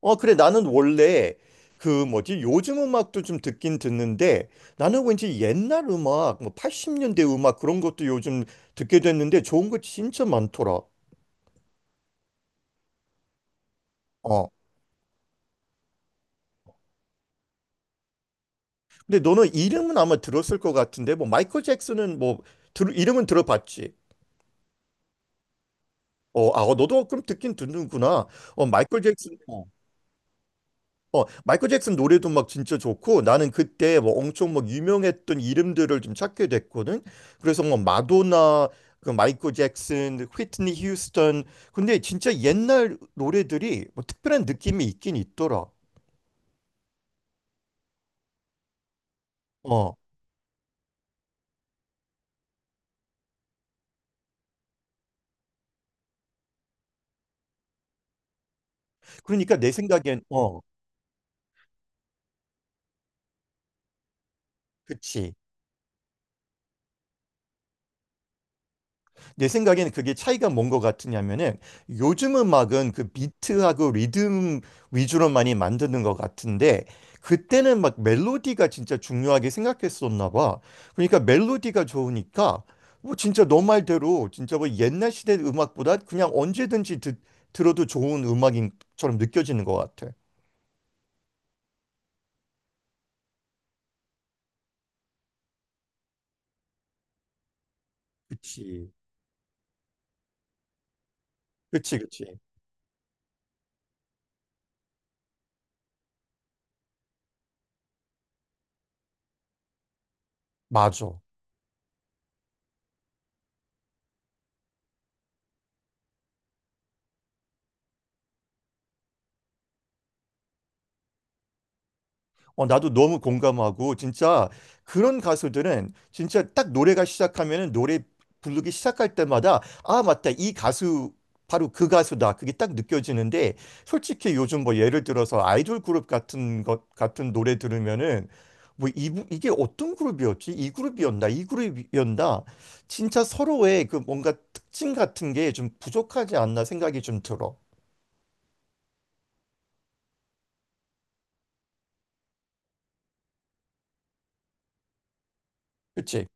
어, 그래. 나는 원래 그 뭐지? 요즘 음악도 좀 듣긴 듣는데 나는 왠지 옛날 음악, 뭐 80년대 음악 그런 것도 요즘 듣게 됐는데 좋은 거 진짜 많더라. 어. 근데 너는 이름은 아마 들었을 것 같은데 뭐 마이클 잭슨은 뭐 이름은 들어봤지. 어, 아, 어, 너도 그럼 듣긴 듣는구나. 어, 마이클 잭슨. 어. 어, 마이클 잭슨 노래도 막 진짜 좋고 나는 그때 뭐 엄청 막 유명했던 이름들을 좀 찾게 됐거든. 그래서 뭐 마도나, 그 마이클 잭슨, 휘트니 휴스턴. 근데 진짜 옛날 노래들이 뭐 특별한 느낌이 있긴 있더라. 어. 그러니까 내 생각엔 그치. 내 생각에는 그게 차이가 뭔 것 같으냐면은 요즘 음악은 그 비트하고 리듬 위주로 많이 만드는 것 같은데 그때는 막 멜로디가 진짜 중요하게 생각했었나 봐. 그러니까 멜로디가 좋으니까 뭐 진짜 너 말대로 진짜 뭐 옛날 시대 음악보다 그냥 언제든지 들어도 좋은 음악인처럼 느껴지는 것 같아. 그치. 그치, 그치. 맞아. 어, 나도 너무 공감하고 진짜 그런 가수들은 진짜 딱 노래가 시작하면은 노래 부르기 시작할 때마다 아, 맞다. 이 가수 바로 그 가수다. 그게 딱 느껴지는데 솔직히 요즘 뭐 예를 들어서 아이돌 그룹 같은 것 같은 노래 들으면은 뭐 이게 어떤 그룹이었지? 이 그룹이었나? 이 그룹이었나? 진짜 서로의 그 뭔가 특징 같은 게 좀 부족하지 않나 생각이 좀 들어. 그치?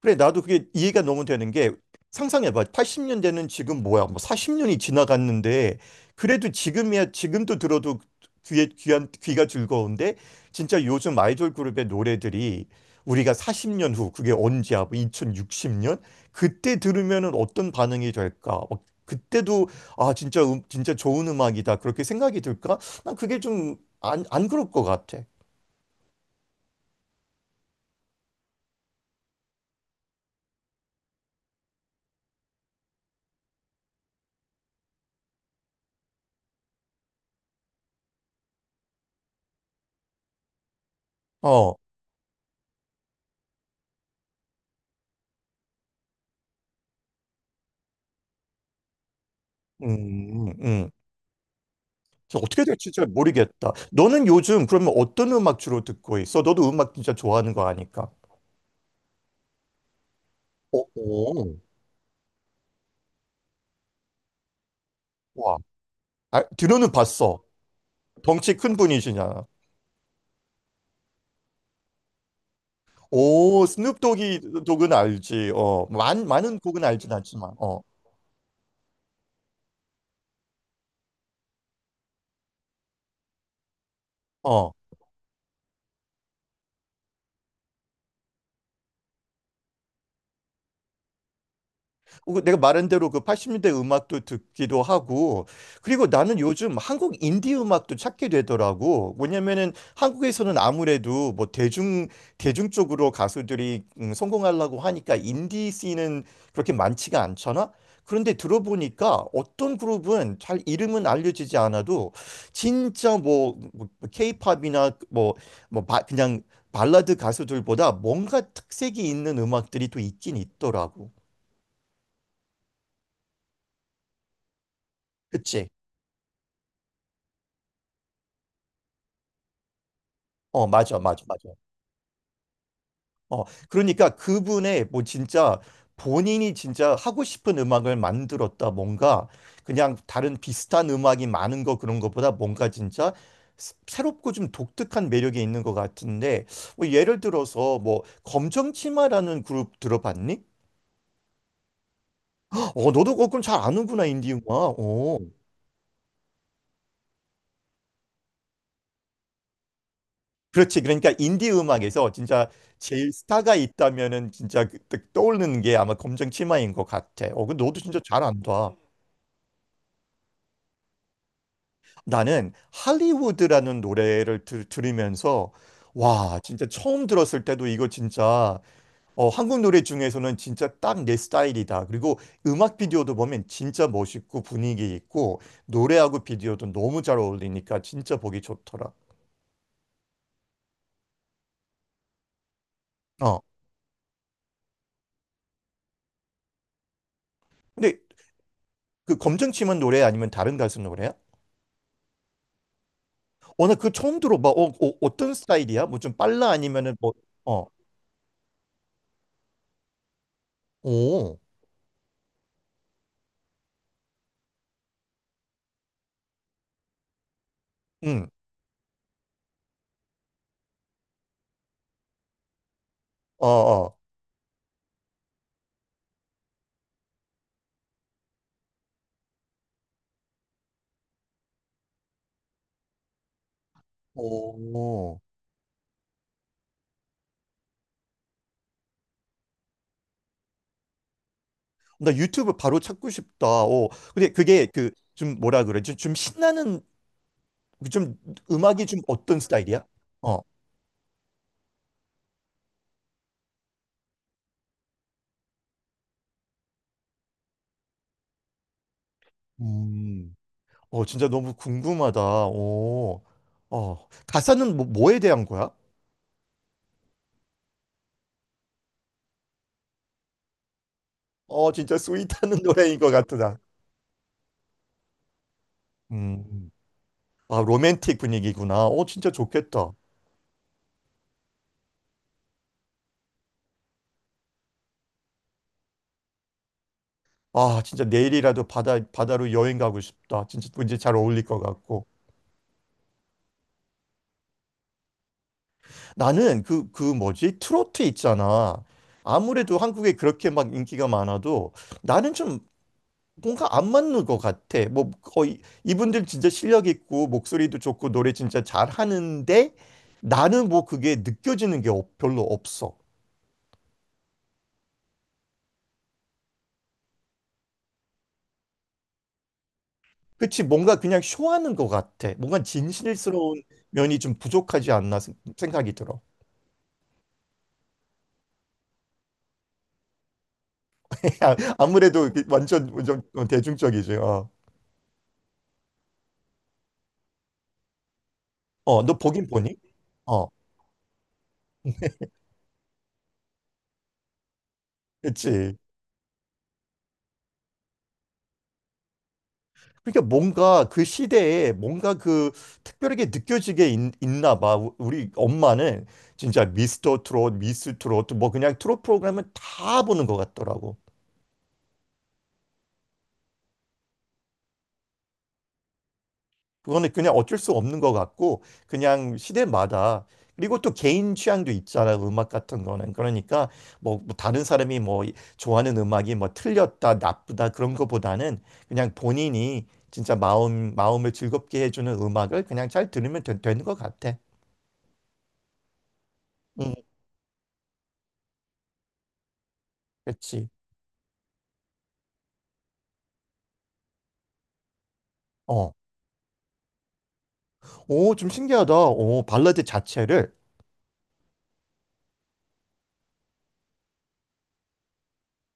그래, 나도 그게 이해가 너무 되는 게 상상해봐. 80년대는 지금 뭐야? 뭐 40년이 지나갔는데 그래도 지금이야 지금도 들어도 귀에 귀한 귀가 즐거운데 진짜 요즘 아이돌 그룹의 노래들이 우리가 40년 후 그게 언제야? 뭐 2060년 그때 들으면은 어떤 반응이 될까? 막 그때도 아 진짜 진짜 좋은 음악이다 그렇게 생각이 들까? 난 그게 좀 안 그럴 것 같아. 어, 음. 저 어떻게 될지 진짜 모르겠다. 너는 요즘 그러면 어떤 음악 주로 듣고 있어? 너도 음악 진짜 좋아하는 거 아니까. 어, 어. 와, 아, 들어는 봤어. 덩치 큰 분이시냐. 오, 스눕독이 독은 알지. 어, 많은 곡은 알진 않지만. 어, 어. 그 내가 말한 대로 그 80년대 음악도 듣기도 하고 그리고 나는 요즘 한국 인디 음악도 찾게 되더라고. 왜냐면은 한국에서는 아무래도 뭐 대중 쪽으로 가수들이 성공하려고 하니까 인디 씬은 그렇게 많지가 않잖아. 그런데 들어보니까 어떤 그룹은 잘 이름은 알려지지 않아도 진짜 뭐 케이팝이나 뭐 그냥 발라드 가수들보다 뭔가 특색이 있는 음악들이 또 있긴 있더라고. 그치? 어, 맞아, 맞아, 맞아. 어, 그러니까 그분의 뭐 진짜 본인이 진짜 하고 싶은 음악을 만들었다. 뭔가 그냥 다른 비슷한 음악이 많은 거 그런 것보다 뭔가 진짜 새롭고 좀 독특한 매력이 있는 것 같은데 뭐 예를 들어서 뭐 검정치마라는 그룹 들어봤니? 어, 너도 그건 잘 아는구나, 인디 음악. 어. 그렇지. 그러니까 인디 음악에서 진짜 제일 스타가 있다면은 진짜 떠오르는 게 아마 검정치마인 것 같아. 어, 그 너도 진짜 잘 안다. 나는 할리우드라는 노래를 들으면서 와, 진짜 처음 들었을 때도 이거 진짜 한국 노래 중에서는 진짜 딱 내 스타일이다. 그리고 음악 비디오도 보면 진짜 멋있고 분위기 있고 노래하고 비디오도 너무 잘 어울리니까 진짜 보기 좋더라. 어. 근데 그 검정치마 노래 아니면 다른 가수 노래야? 어, 나 그거 처음 들어봐. 어떤 스타일이야? 뭐 좀 빨라 아니면은 뭐 어. 오. 응. 어, 어. 오. 나 유튜브 바로 찾고 싶다. 어. 근데 그게 그 좀 뭐라 그러지? 좀 신나는 좀 음악이 좀 어떤 스타일이야? 어. 음. 어, 진짜 너무 궁금하다. 어. 어. 가사는 뭐에 대한 거야? 어, 진짜 스윗하는 노래인 것 같다. 음. 아, 로맨틱 분위기구나. 어, 진짜 좋겠다. 아, 진짜 내일이라도 바다로 여행 가고 싶다. 진짜 왠지 잘 어울릴 것 같고. 나는 그 뭐지? 트로트 있잖아. 아무래도 한국에 그렇게 막 인기가 많아도 나는 좀 뭔가 안 맞는 것 같아. 뭐 거의 이분들 진짜 실력 있고 목소리도 좋고 노래 진짜 잘하는데 나는 뭐 그게 느껴지는 게 별로 없어. 그치? 뭔가 그냥 쇼하는 것 같아. 뭔가 진실스러운 면이 좀 부족하지 않나 생각이 들어. 아, 아무래도 이게 완전, 완전 대중적이지. 너 보긴 보니? 어, 그치. 그러니까 뭔가 그 시대에 뭔가 그 특별하게 느껴지게 나 봐. 우리 엄마는 진짜 미스터 트롯, 미스 트롯 뭐 그냥 트롯 프로그램은 다 보는 것 같더라고. 그거는 그냥 어쩔 수 없는 것 같고 그냥 시대마다 그리고 또 개인 취향도 있잖아. 음악 같은 거는 그러니까 뭐뭐 다른 사람이 뭐 좋아하는 음악이 뭐 틀렸다 나쁘다 그런 거보다는 그냥 본인이 진짜 마음을 즐겁게 해주는 음악을 그냥 잘 들으면 되는 것 같아. 음. 그렇지. 어. 오, 좀 신기하다. 오, 발라드 자체를.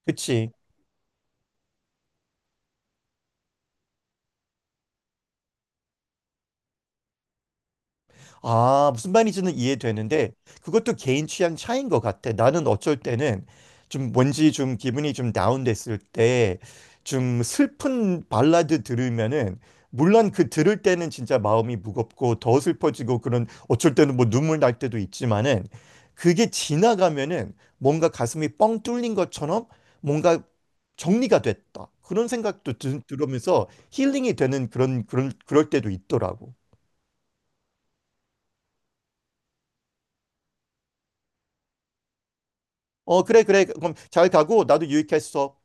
그치. 아, 무슨 말인지는 이해되는데 그것도 개인 취향 차이인 것 같아. 나는 어쩔 때는 좀 뭔지 좀 기분이 좀 다운됐을 때 좀 슬픈 발라드 들으면은 물론 그 들을 때는 진짜 마음이 무겁고 더 슬퍼지고 그런 어쩔 때는 뭐 눈물 날 때도 있지만은 그게 지나가면은 뭔가 가슴이 뻥 뚫린 것처럼 뭔가 정리가 됐다. 그런 생각도 들으면서 힐링이 되는 그런 그럴 때도 있더라고. 어, 그래, 그래. 그럼 잘 가고 나도 유익했어.